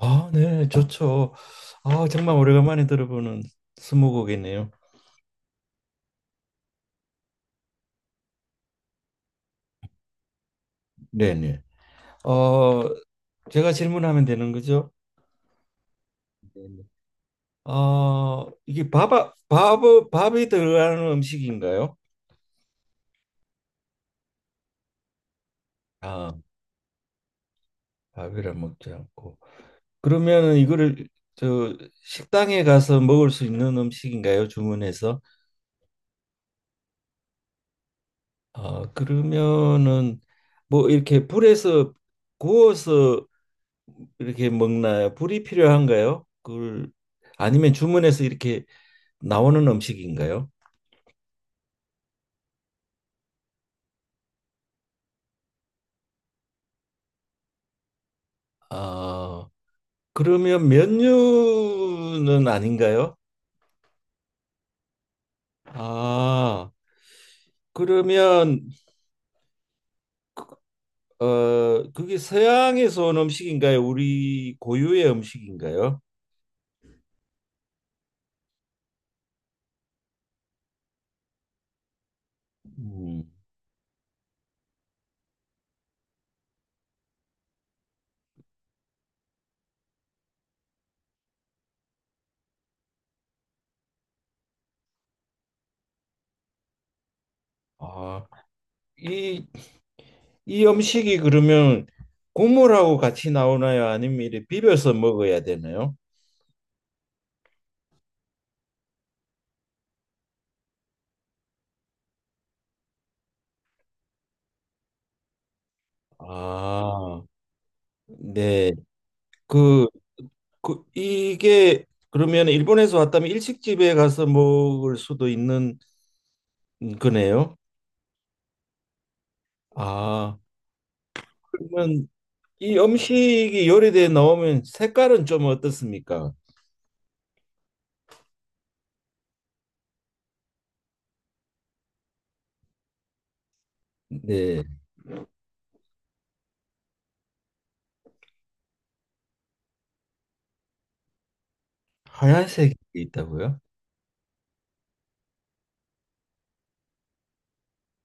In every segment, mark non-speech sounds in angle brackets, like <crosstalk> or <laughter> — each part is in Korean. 아, 네, 좋죠. 아, 정말 오래간만에 들어보는 스무고개네요. 네네. 어, 제가 질문하면 되는 거죠? 네네. 이게 밥, 밥이 들어가는 음식인가요? 아, 밥이라 먹지 않고. 그러면 이거를 저 식당에 가서 먹을 수 있는 음식인가요? 주문해서. 아, 그러면은 뭐 이렇게 불에서 구워서 이렇게 먹나요? 불이 필요한가요? 그걸 아니면 주문해서 이렇게 나오는 음식인가요? 아, 그러면 면류는 아닌가요? 아, 그러면 그- 그게 서양에서 온 음식인가요? 우리 고유의 음식인가요? 음. 아, 이, 이 음식이 그러면 국물하고 같이 나오나요? 아니면 이렇게 비벼서 먹어야 되나요? 아, 네. 그 이게 그러면 일본에서 왔다면 일식집에 가서 먹을 수도 있는 거네요. 아, 그러면 이 음식이 요리돼 나오면 색깔은 좀 어떻습니까? 네, 하얀색이 있다고요?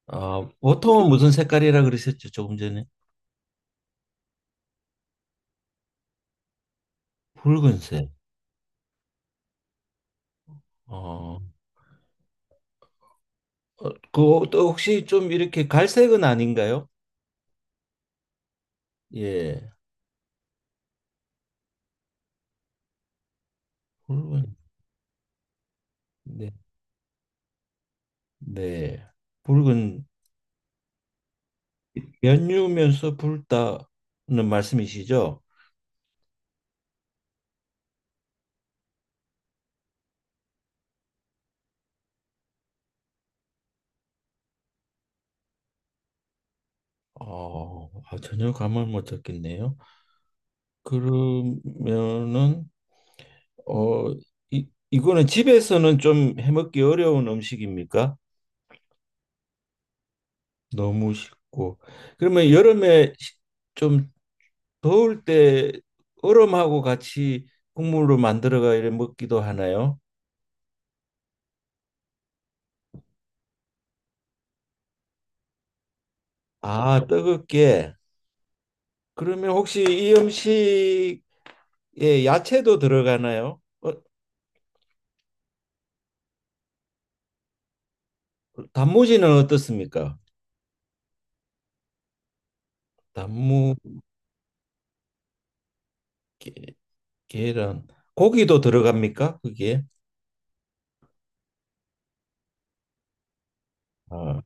아, 보통은 무슨 색깔이라 그러셨죠? 조금 전에. 붉은색. 어, 어, 또 혹시 좀 이렇게 갈색은 아닌가요? 예, 붉은. 네, 네, 붉은 면유면서 붉다는 말씀이시죠? 아, 전혀 감을 못 잡겠네요. 그러면은 어, 이거는 집에서는 좀 해먹기 어려운 음식입니까? 너무 쉽고. 그러면 여름에 좀 더울 때 얼음하고 같이 국물로 만들어가 이래 먹기도 하나요? 아, 뜨겁게. 그러면 혹시 이 음식에 야채도 들어가나요? 단무지는 어떻습니까? 나무. 게, 계란. 고기도 들어갑니까? 그게. 아,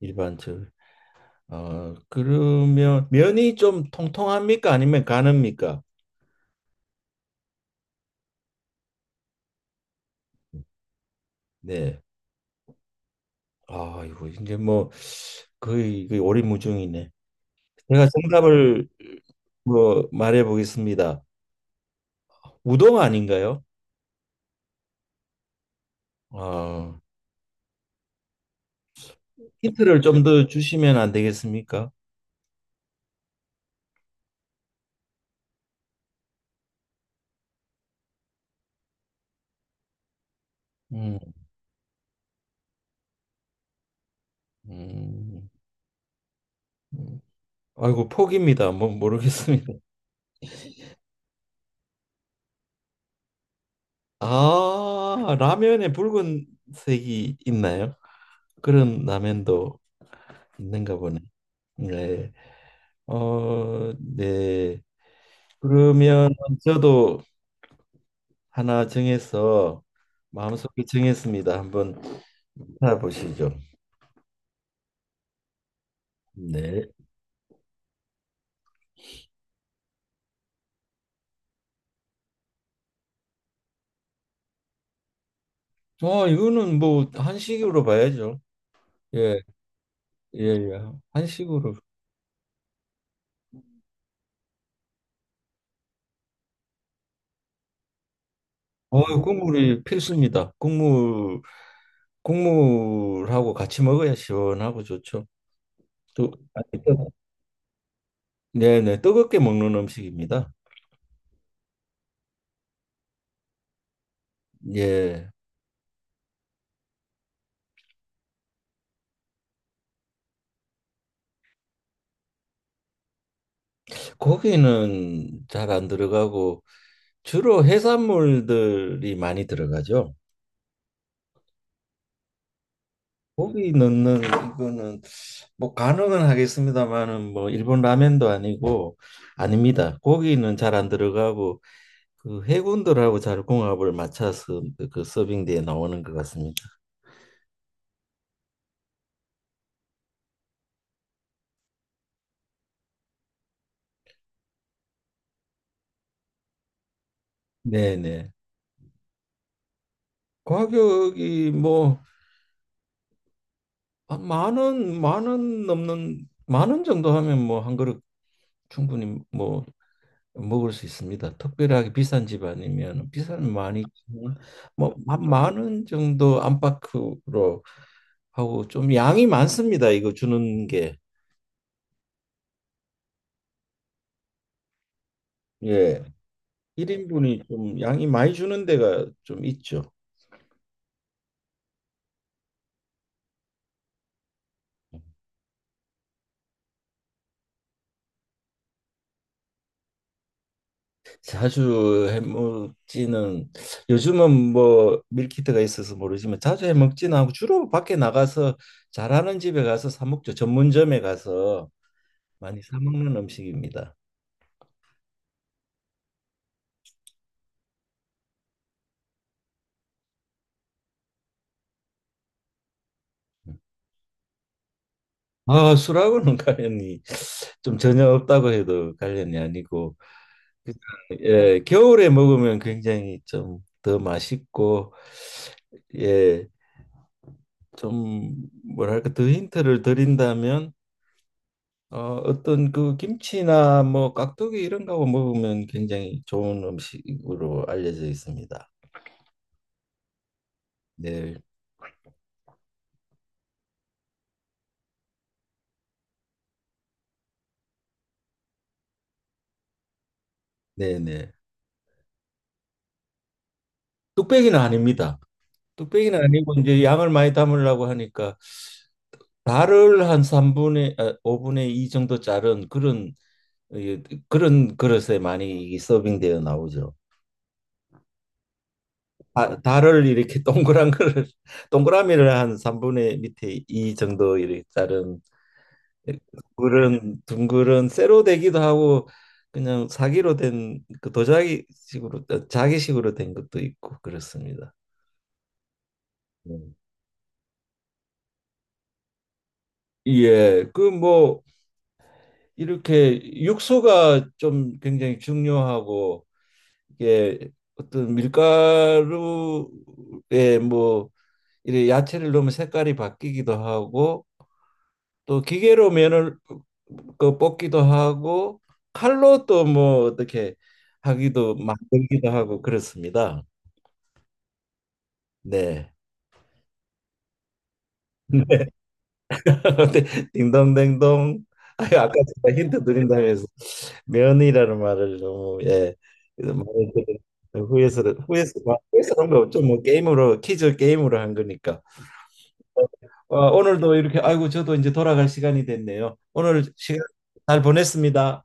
일반적으로. 아, 그러면 면이 좀 통통합니까? 아니면 가늡니까? 네. 아, 이거 이제 뭐 거의 오리무중이네. 제가 정답을 뭐 말해 보겠습니다. 우동 아닌가요? 아, 힌트를 좀 더 주시면 안 되겠습니까? 음, 음, 음. 아이고 포기입니다. 뭐 모르겠습니다. 아, 라면에 붉은색이 있나요? 그런 라면도 있는가 보네. 네. 네. 그러면 저도 하나 정해서 마음속에 정했습니다. 한번 알아보시죠. 네. 이거는 뭐 한식으로 봐야죠. 예, 예. 한식으로. 국물이 필수입니다. 국물, 국물하고 같이 먹어야 시원하고 좋죠. 또 아니, 또. 네네, 뜨겁게 먹는 음식입니다. 예, 고기는 잘 안 들어가고 주로 해산물들이 많이 들어가죠. 고기 넣는 이거는 뭐 가능은 하겠습니다만은 뭐 일본 라면도 아니고 아닙니다. 고기는 잘 안 들어가고 그 해군들하고 잘 궁합을 맞춰서 서빙대에 나오는 것 같습니다. 네네. 가격이 뭐 만 원, 만원 넘는 만원 정도 하면 뭐 한 그릇 충분히 뭐 먹을 수 있습니다. 특별하게 비싼 집 아니면 비싸면 많이 뭐지만뭐원 정도 안팎으로 하고 좀 양이 많습니다. 이거 주는 게. 예. 1인분이 좀 양이 많이 주는 데가 좀 있죠. 자주 해먹지는 요즘은 뭐 밀키트가 있어서 모르지만 자주 해먹지는 않고 주로 밖에 나가서 잘하는 집에 가서 사 먹죠. 전문점에 가서 많이 사 먹는 음식입니다. 아, 술하고는 <laughs> 관련이 좀 전혀 없다고 해도 관련이 아니고 그냥, 예, 겨울에 먹으면 굉장히 좀 더 맛있고. 예, 좀 뭐랄까 더 힌트를 드린다면 어, 어떤 그 김치나 뭐 깍두기 이런 거하고 먹으면 굉장히 좋은 음식으로 알려져 있습니다. 네, 네. 뚝배기는 아닙니다. 뚝배기는 아니고 이제 양을 많이 담으려고 하니까 달을 한 3분의 아, 5분의 2 정도 자른 그런. 예, 그런 그릇에 많이 서빙되어 나오죠. 아, 달을 이렇게 동그란 그릇 <laughs> 동그라미를 한 3분의 밑에 2 정도 이렇게 자른 그런 둥그런 쇠로 되기도 하고 그냥 사기로 된 그 도자기식으로 자기식으로 된 것도 있고 그렇습니다. 음. 예, 그 뭐 이렇게 육수가 좀 굉장히 중요하고 이게 어떤 밀가루에 뭐 이래 야채를 넣으면 색깔이 바뀌기도 하고 또 기계로 면을 그 뽑기도 하고 칼로 또 뭐 어떻게 하기도 만들기도 하고 그렇습니다. 네. <laughs> 네. <laughs> 딩동댕동. 아, 아까 제가 힌트 드린다면서 면이라는 말을 너무 예 말을 후에서 후에서 후에서 그런 거 없죠. 뭐 게임으로 퀴즈 게임으로 한 거니까. 어, 오늘도 이렇게 아이고 저도 이제 돌아갈 시간이 됐네요. 오늘 시간 잘 보냈습니다.